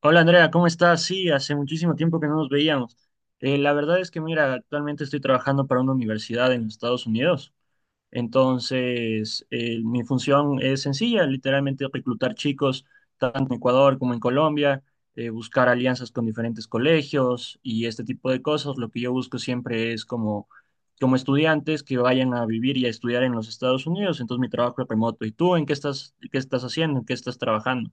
Hola Andrea, ¿cómo estás? Sí, hace muchísimo tiempo que no nos veíamos. La verdad es que, mira, actualmente estoy trabajando para una universidad en Estados Unidos. Entonces, mi función es sencilla, literalmente reclutar chicos tanto en Ecuador como en Colombia, buscar alianzas con diferentes colegios y este tipo de cosas. Lo que yo busco siempre es como, como estudiantes que vayan a vivir y a estudiar en los Estados Unidos. Entonces, mi trabajo es remoto. ¿Y tú en qué estás haciendo? ¿En qué estás trabajando?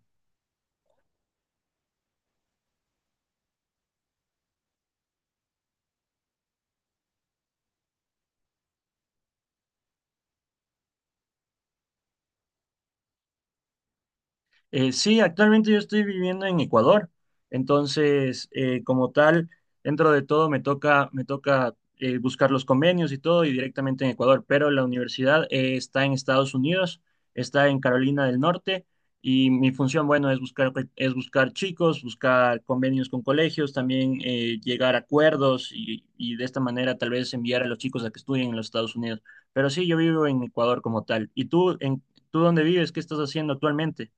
Sí, actualmente yo estoy viviendo en Ecuador, entonces como tal, dentro de todo me toca, me toca buscar los convenios y todo y directamente en Ecuador, pero la universidad está en Estados Unidos, está en Carolina del Norte y mi función, bueno, es buscar chicos, buscar convenios con colegios, también llegar a acuerdos y de esta manera tal vez enviar a los chicos a que estudien en los Estados Unidos. Pero sí, yo vivo en Ecuador como tal. ¿Y tú, en, tú dónde vives? ¿Qué estás haciendo actualmente?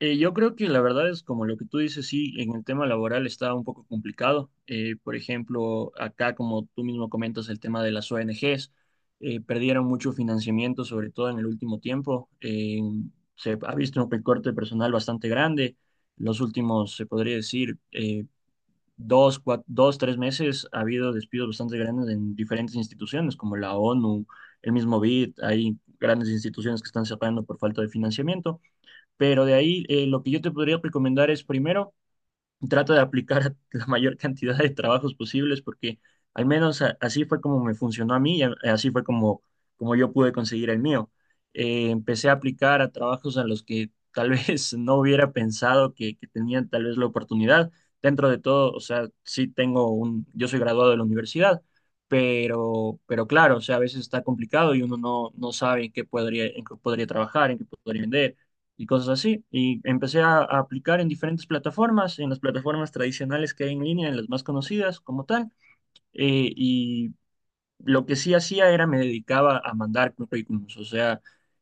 Yo creo que la verdad es como lo que tú dices, sí, en el tema laboral está un poco complicado. Por ejemplo, acá, como tú mismo comentas, el tema de las ONGs, perdieron mucho financiamiento, sobre todo en el último tiempo. Se ha visto un recorte de personal bastante grande. Los últimos, se podría decir, dos, dos, tres meses ha habido despidos bastante grandes en diferentes instituciones, como la ONU, el mismo BID, hay grandes instituciones que están cerrando por falta de financiamiento. Pero de ahí, lo que yo te podría recomendar es primero, trata de aplicar la mayor cantidad de trabajos posibles porque al menos así fue como me funcionó a mí y así fue como, como yo pude conseguir el mío. Empecé a aplicar a trabajos a los que tal vez no hubiera pensado que tenían tal vez la oportunidad. Dentro de todo, o sea, sí tengo un, yo soy graduado de la universidad, pero claro, o sea, a veces está complicado y uno no, no sabe en qué podría trabajar, en qué podría vender y cosas así. Y empecé a aplicar en diferentes plataformas, en las plataformas tradicionales que hay en línea, en las más conocidas como tal. Y lo que sí hacía era me dedicaba a mandar currículums, o sea,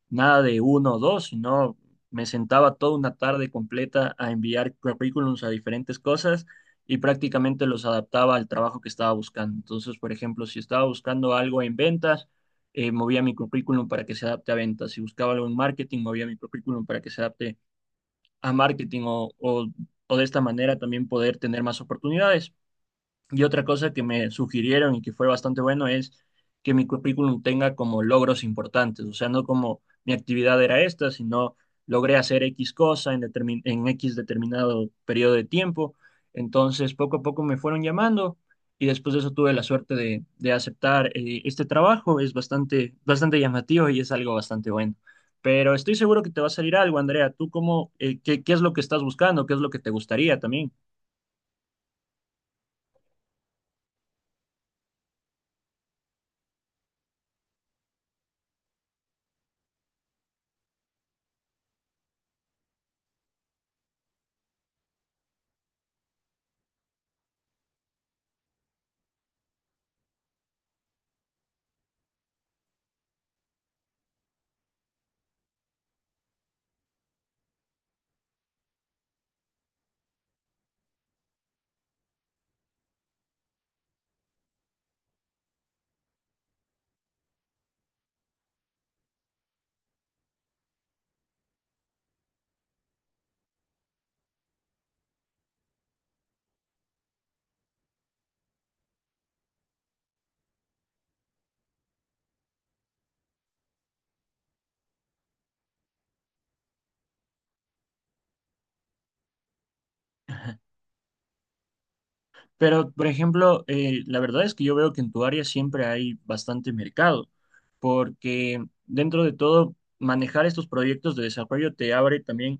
nada de uno o dos, sino me sentaba toda una tarde completa a enviar currículums a diferentes cosas. Y prácticamente los adaptaba al trabajo que estaba buscando. Entonces, por ejemplo, si estaba buscando algo en ventas, movía mi currículum para que se adapte a ventas. Si buscaba algo en marketing, movía mi currículum para que se adapte a marketing o de esta manera también poder tener más oportunidades. Y otra cosa que me sugirieron y que fue bastante bueno es que mi currículum tenga como logros importantes, o sea, no como mi actividad era esta, sino logré hacer X cosa en, en X determinado periodo de tiempo. Entonces, poco a poco me fueron llamando y después de eso tuve la suerte de aceptar este trabajo. Es bastante, bastante llamativo y es algo bastante bueno. Pero estoy seguro que te va a salir algo, Andrea. ¿Tú cómo, qué, qué es lo que estás buscando? ¿Qué es lo que te gustaría también? Pero, por ejemplo, la verdad es que yo veo que en tu área siempre hay bastante mercado, porque dentro de todo, manejar estos proyectos de desarrollo te abre también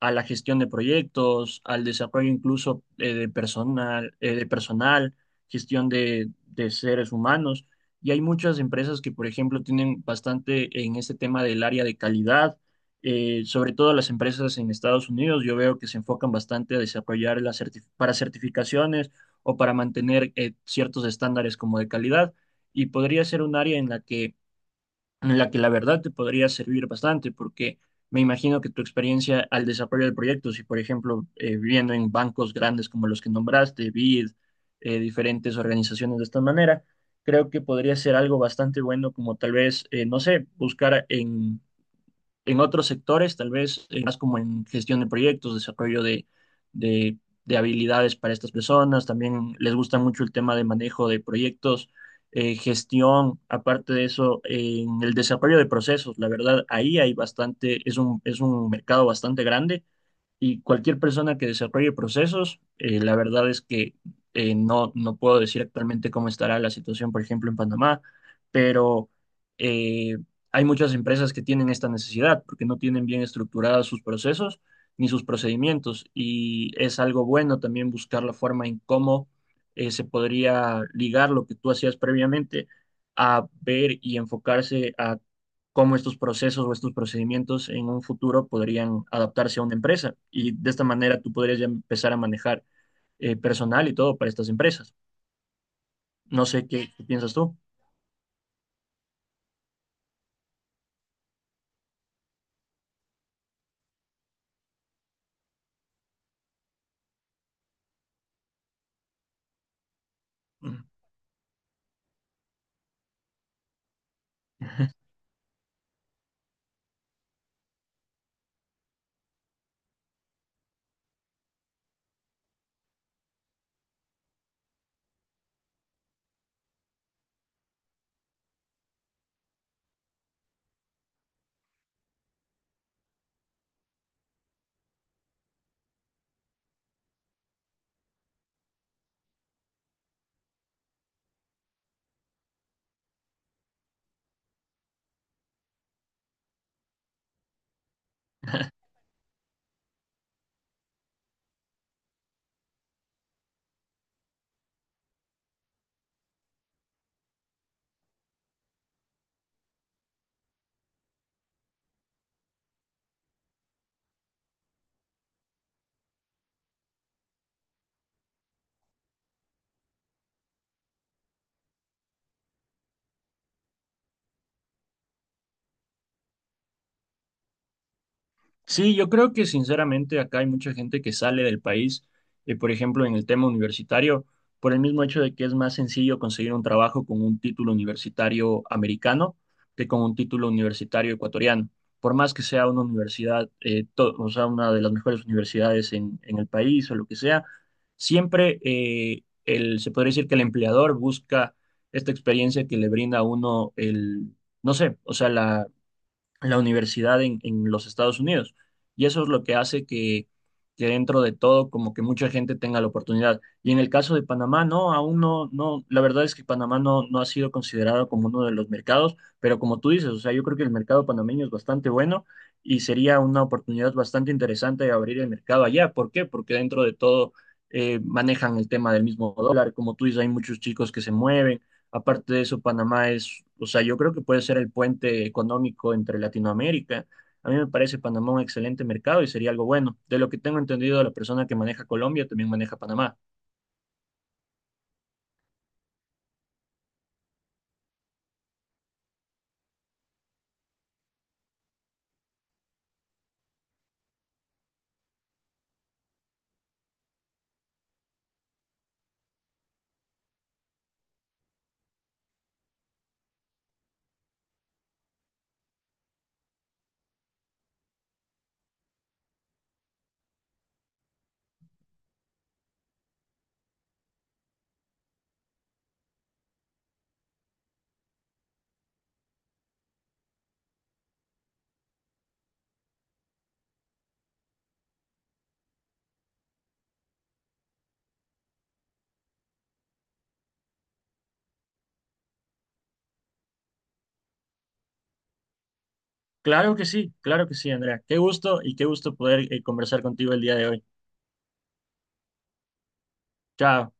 a la gestión de proyectos, al desarrollo incluso de personal, de personal, gestión de seres humanos. Y hay muchas empresas que, por ejemplo, tienen bastante en este tema del área de calidad, sobre todo las empresas en Estados Unidos. Yo veo que se enfocan bastante a desarrollar las para certificaciones o para mantener ciertos estándares como de calidad. Y podría ser un área en la que la verdad te podría servir bastante, porque me imagino que tu experiencia al desarrollo del proyecto, si por ejemplo, viviendo en bancos grandes como los que nombraste, BID, diferentes organizaciones de esta manera, creo que podría ser algo bastante bueno como tal vez, no sé, buscar en otros sectores, tal vez más como en gestión de proyectos, desarrollo de, de habilidades para estas personas, también les gusta mucho el tema de manejo de proyectos, gestión, aparte de eso, en el desarrollo de procesos, la verdad, ahí hay bastante, es un mercado bastante grande y cualquier persona que desarrolle procesos, la verdad es que no, no puedo decir actualmente cómo estará la situación, por ejemplo, en Panamá, pero eh, hay muchas empresas que tienen esta necesidad porque no tienen bien estructurados sus procesos ni sus procedimientos. Y es algo bueno también buscar la forma en cómo se podría ligar lo que tú hacías previamente a ver y enfocarse a cómo estos procesos o estos procedimientos en un futuro podrían adaptarse a una empresa. Y de esta manera tú podrías ya empezar a manejar personal y todo para estas empresas. No sé qué, qué piensas tú. Sí, yo creo que sinceramente acá hay mucha gente que sale del país, por ejemplo, en el tema universitario, por el mismo hecho de que es más sencillo conseguir un trabajo con un título universitario americano que con un título universitario ecuatoriano. Por más que sea una universidad, o sea, una de las mejores universidades en el país o lo que sea, siempre el, se podría decir que el empleador busca esta experiencia que le brinda a uno el, no sé, o sea, la universidad en los Estados Unidos. Y eso es lo que hace que dentro de todo como que mucha gente tenga la oportunidad. Y en el caso de Panamá, no, aún no, no, la verdad es que Panamá no, no ha sido considerado como uno de los mercados, pero como tú dices, o sea, yo creo que el mercado panameño es bastante bueno y sería una oportunidad bastante interesante de abrir el mercado allá. ¿Por qué? Porque dentro de todo manejan el tema del mismo dólar, como tú dices, hay muchos chicos que se mueven. Aparte de eso, Panamá es, o sea, yo creo que puede ser el puente económico entre Latinoamérica. A mí me parece Panamá un excelente mercado y sería algo bueno. De lo que tengo entendido, la persona que maneja Colombia también maneja Panamá. Claro que sí, Andrea. Qué gusto y qué gusto poder conversar contigo el día de hoy. Chao.